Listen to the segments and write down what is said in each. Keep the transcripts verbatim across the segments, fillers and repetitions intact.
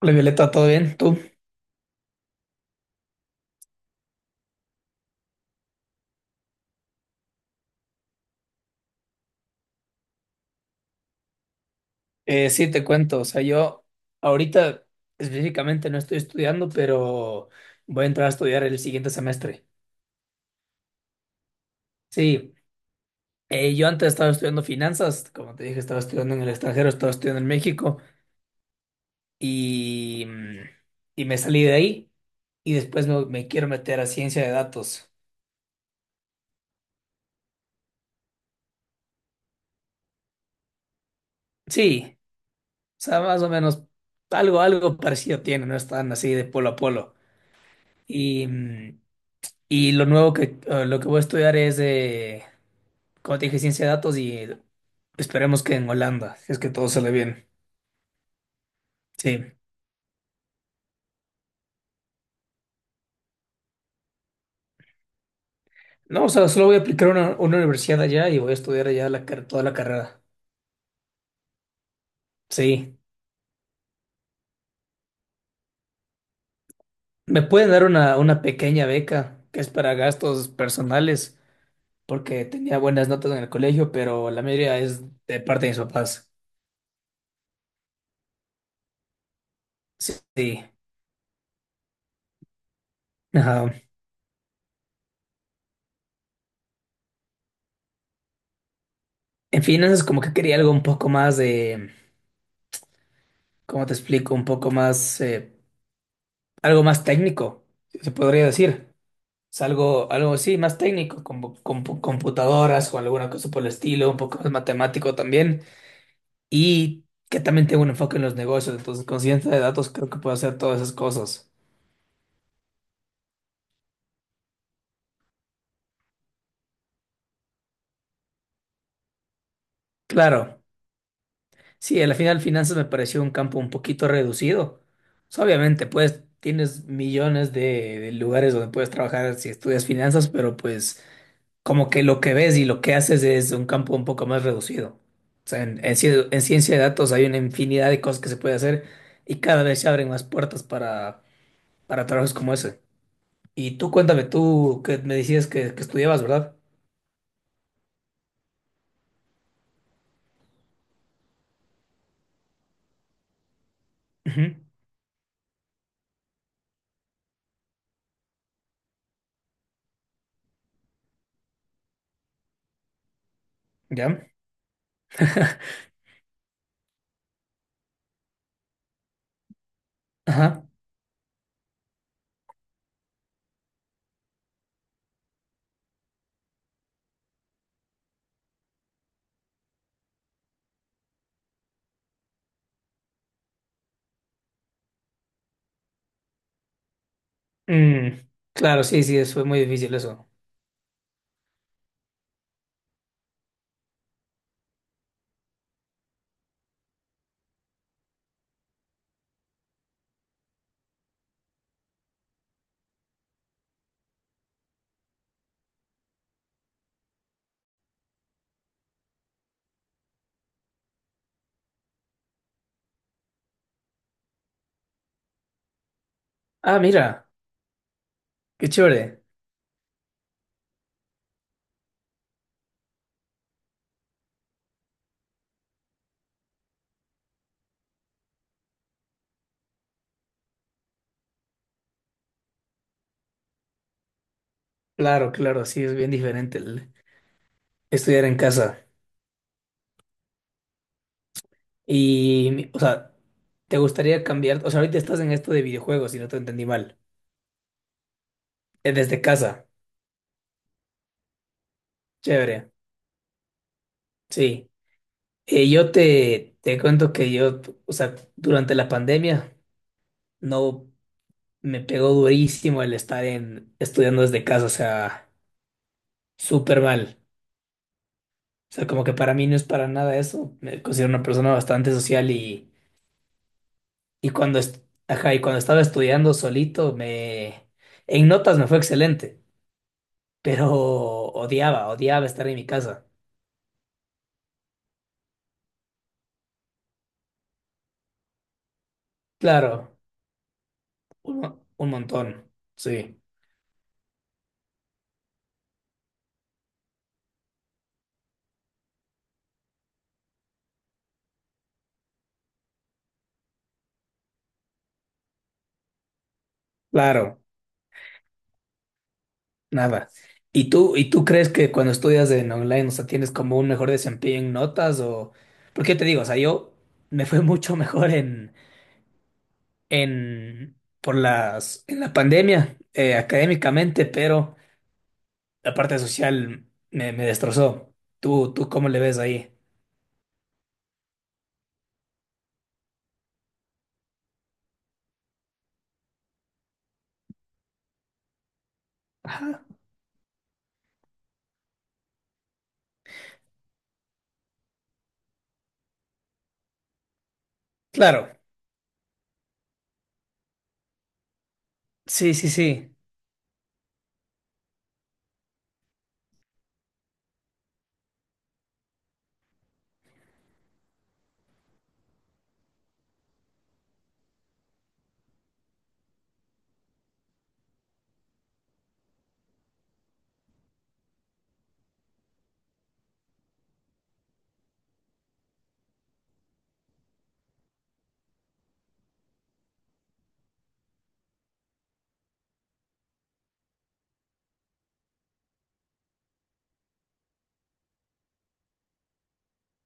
Hola Violeta, ¿todo bien? ¿Tú? Eh, sí, te cuento, o sea, yo ahorita específicamente no estoy estudiando, pero voy a entrar a estudiar el siguiente semestre. Sí, eh, yo antes estaba estudiando finanzas, como te dije, estaba estudiando en el extranjero, estaba estudiando en México y, mm, y me salí de ahí y después me, me quiero meter a ciencia de datos. Sí, o sea, más o menos algo, algo parecido tiene, no están así de polo a polo. Y, mm, y lo nuevo que, eh, lo que voy a estudiar es, como te dije, ciencia de datos y esperemos que en Holanda, si es que todo sale bien. Sí. No, o sea, solo voy a aplicar a una, una universidad allá y voy a estudiar allá la, car- toda la carrera. Sí. Me pueden dar una, una pequeña beca, que es para gastos personales, porque tenía buenas notas en el colegio, pero la mayoría es de parte de mis papás. Sí, sí. Ajá. En finanzas como que quería algo un poco más de, ¿cómo te explico? Un poco más, eh, algo más técnico, si se podría decir. Es algo, algo sí, más técnico, como bu- con computadoras o alguna cosa por el estilo, un poco más matemático también, y que también tengo un enfoque en los negocios, entonces con ciencia de datos creo que puedo hacer todas esas cosas. Claro, sí, al final finanzas me pareció un campo un poquito reducido. Pues, obviamente, pues tienes millones de, de lugares donde puedes trabajar si estudias finanzas, pero pues, como que lo que ves y lo que haces es un campo un poco más reducido. O sea, en, en ci- en ciencia de datos hay una infinidad de cosas que se puede hacer y cada vez se abren más puertas para, para trabajos como ese. Y tú cuéntame, tú que me decías que, que estudiabas, ¿verdad? Ujú. ¿Ya? Ajá. Mm, claro, sí, sí, es- fue muy difícil eso. Ah, mira, qué chévere. Claro, claro, sí, es bien diferente el estudiar en casa. Y, o sea, ¿te gustaría cambiar? O sea, ahorita estás en esto de videojuegos, si no te entendí mal. Eh, Desde casa, chévere, sí. Eh, yo te, te cuento que yo, o sea, durante la pandemia no me pegó durísimo el estar en, estudiando desde casa, o sea, súper mal. O sea, como que para mí no es para nada eso. Me considero una persona bastante social y, y cuando, est- ajá, y cuando estaba estudiando solito, me, en notas me fue excelente, pero odiaba, odiaba estar en mi casa. Claro, un, mo- un montón, sí, claro. Nada. ¿Y tú, y tú crees que cuando estudias en online, o sea, tienes como un mejor desempeño en notas o...? Porque te digo, o sea, yo me fue mucho mejor en, en, por las, en la pandemia, eh, académicamente, pero la parte social me, me destrozó. ¿Tú, tú cómo le ves ahí? Ajá. Claro. Sí, sí, sí.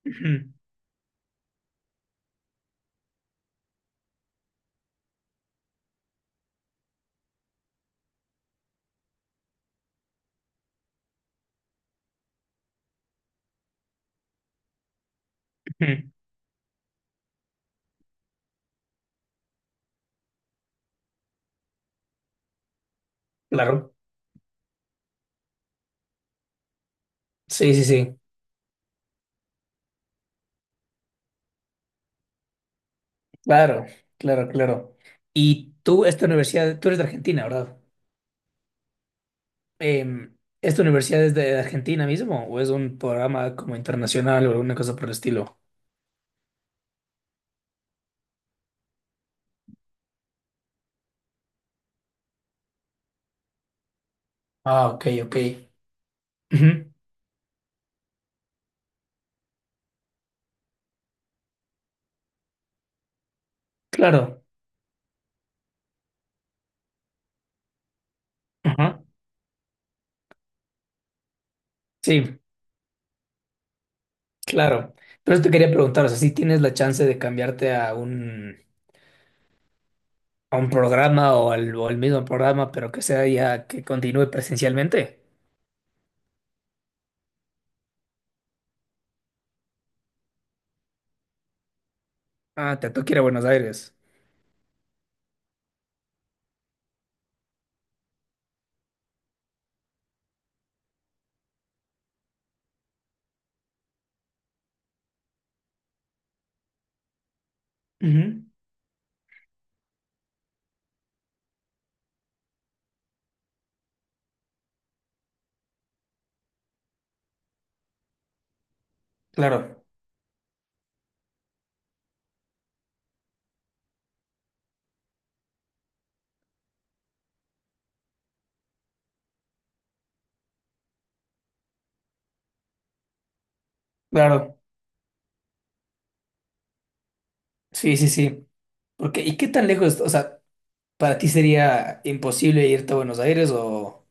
Ujú, ujú. Claro. Sí, sí, sí. Claro, claro, claro. Y tú, esta universidad, tú eres de Argentina, ¿verdad? Em, ¿esta universidad es de Argentina mismo o es un programa como internacional o alguna cosa por el estilo? Ah, ok, ok. Ujú. Claro. Ajá. Sí, claro. Pero eso te quería preguntar, o sea, si tienes la chance de cambiarte a un, a un programa o al, o al mismo programa, pero que sea ya que continúe presencialmente. Ah, te toca ir a Buenos Aires. Ujú. Claro, claro. Sí, sí, sí. Porque, ¿y qué tan lejos? O sea, ¿para ti sería imposible irte a Buenos Aires o...?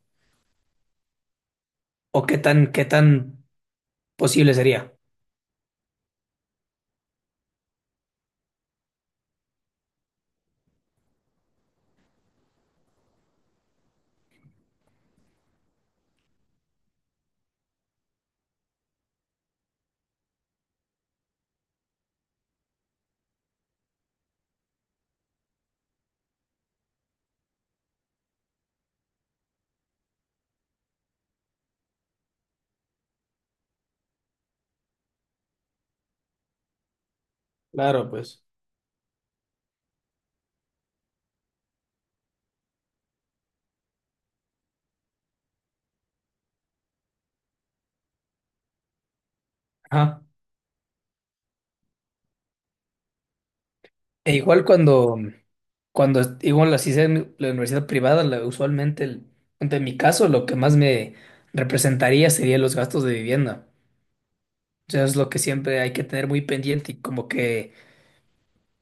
O qué tan, qué tan posible sería. Claro, pues. Ajá. E igual cuando, cuando est- igual las sea en la universidad privada, la- usualmente, el, en mi caso, lo que más me representaría sería los gastos de vivienda. O sea, es lo que siempre hay que tener muy pendiente y como que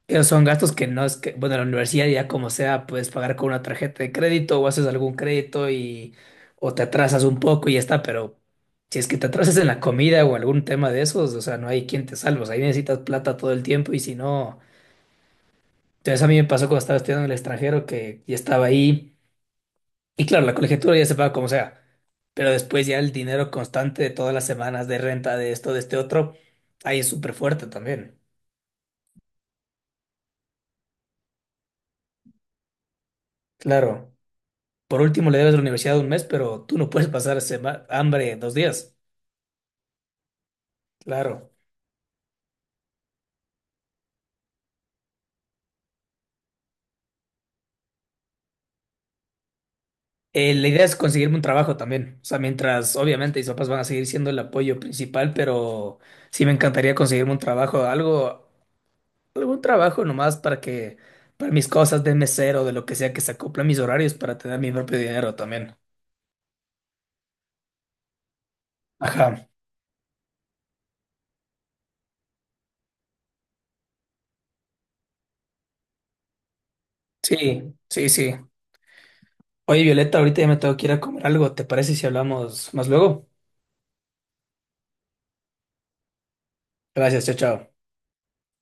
esos son gastos que no es que, bueno, la universidad ya como sea, puedes pagar con una tarjeta de crédito o haces algún crédito y o te atrasas un poco y ya está, pero si es que te atrasas en la comida o algún tema de esos, o sea, no hay quien te salve, o sea, ahí necesitas plata todo el tiempo y si no, entonces a mí me pasó cuando estaba estudiando en el extranjero que ya estaba ahí y claro, la colegiatura ya se paga como sea, pero después ya el dinero constante de todas las semanas de renta, de esto, de este otro, ahí es súper fuerte también, claro. Por último, le debes a la universidad un mes, pero tú no puedes pasar sema- hambre dos días. Claro. Eh, la idea es conseguirme un trabajo también. O sea, mientras obviamente mis papás van a seguir siendo el apoyo principal, pero sí me encantaría conseguirme un trabajo, algo, algún trabajo nomás para que, para mis cosas de mesero, de lo que sea, que se acoplen mis horarios para tener mi propio dinero también. Ajá. Sí, sí, sí. Oye, Violeta, ahorita ya me tengo que ir a comer algo. ¿Te parece si hablamos más luego? Gracias, chao, chao.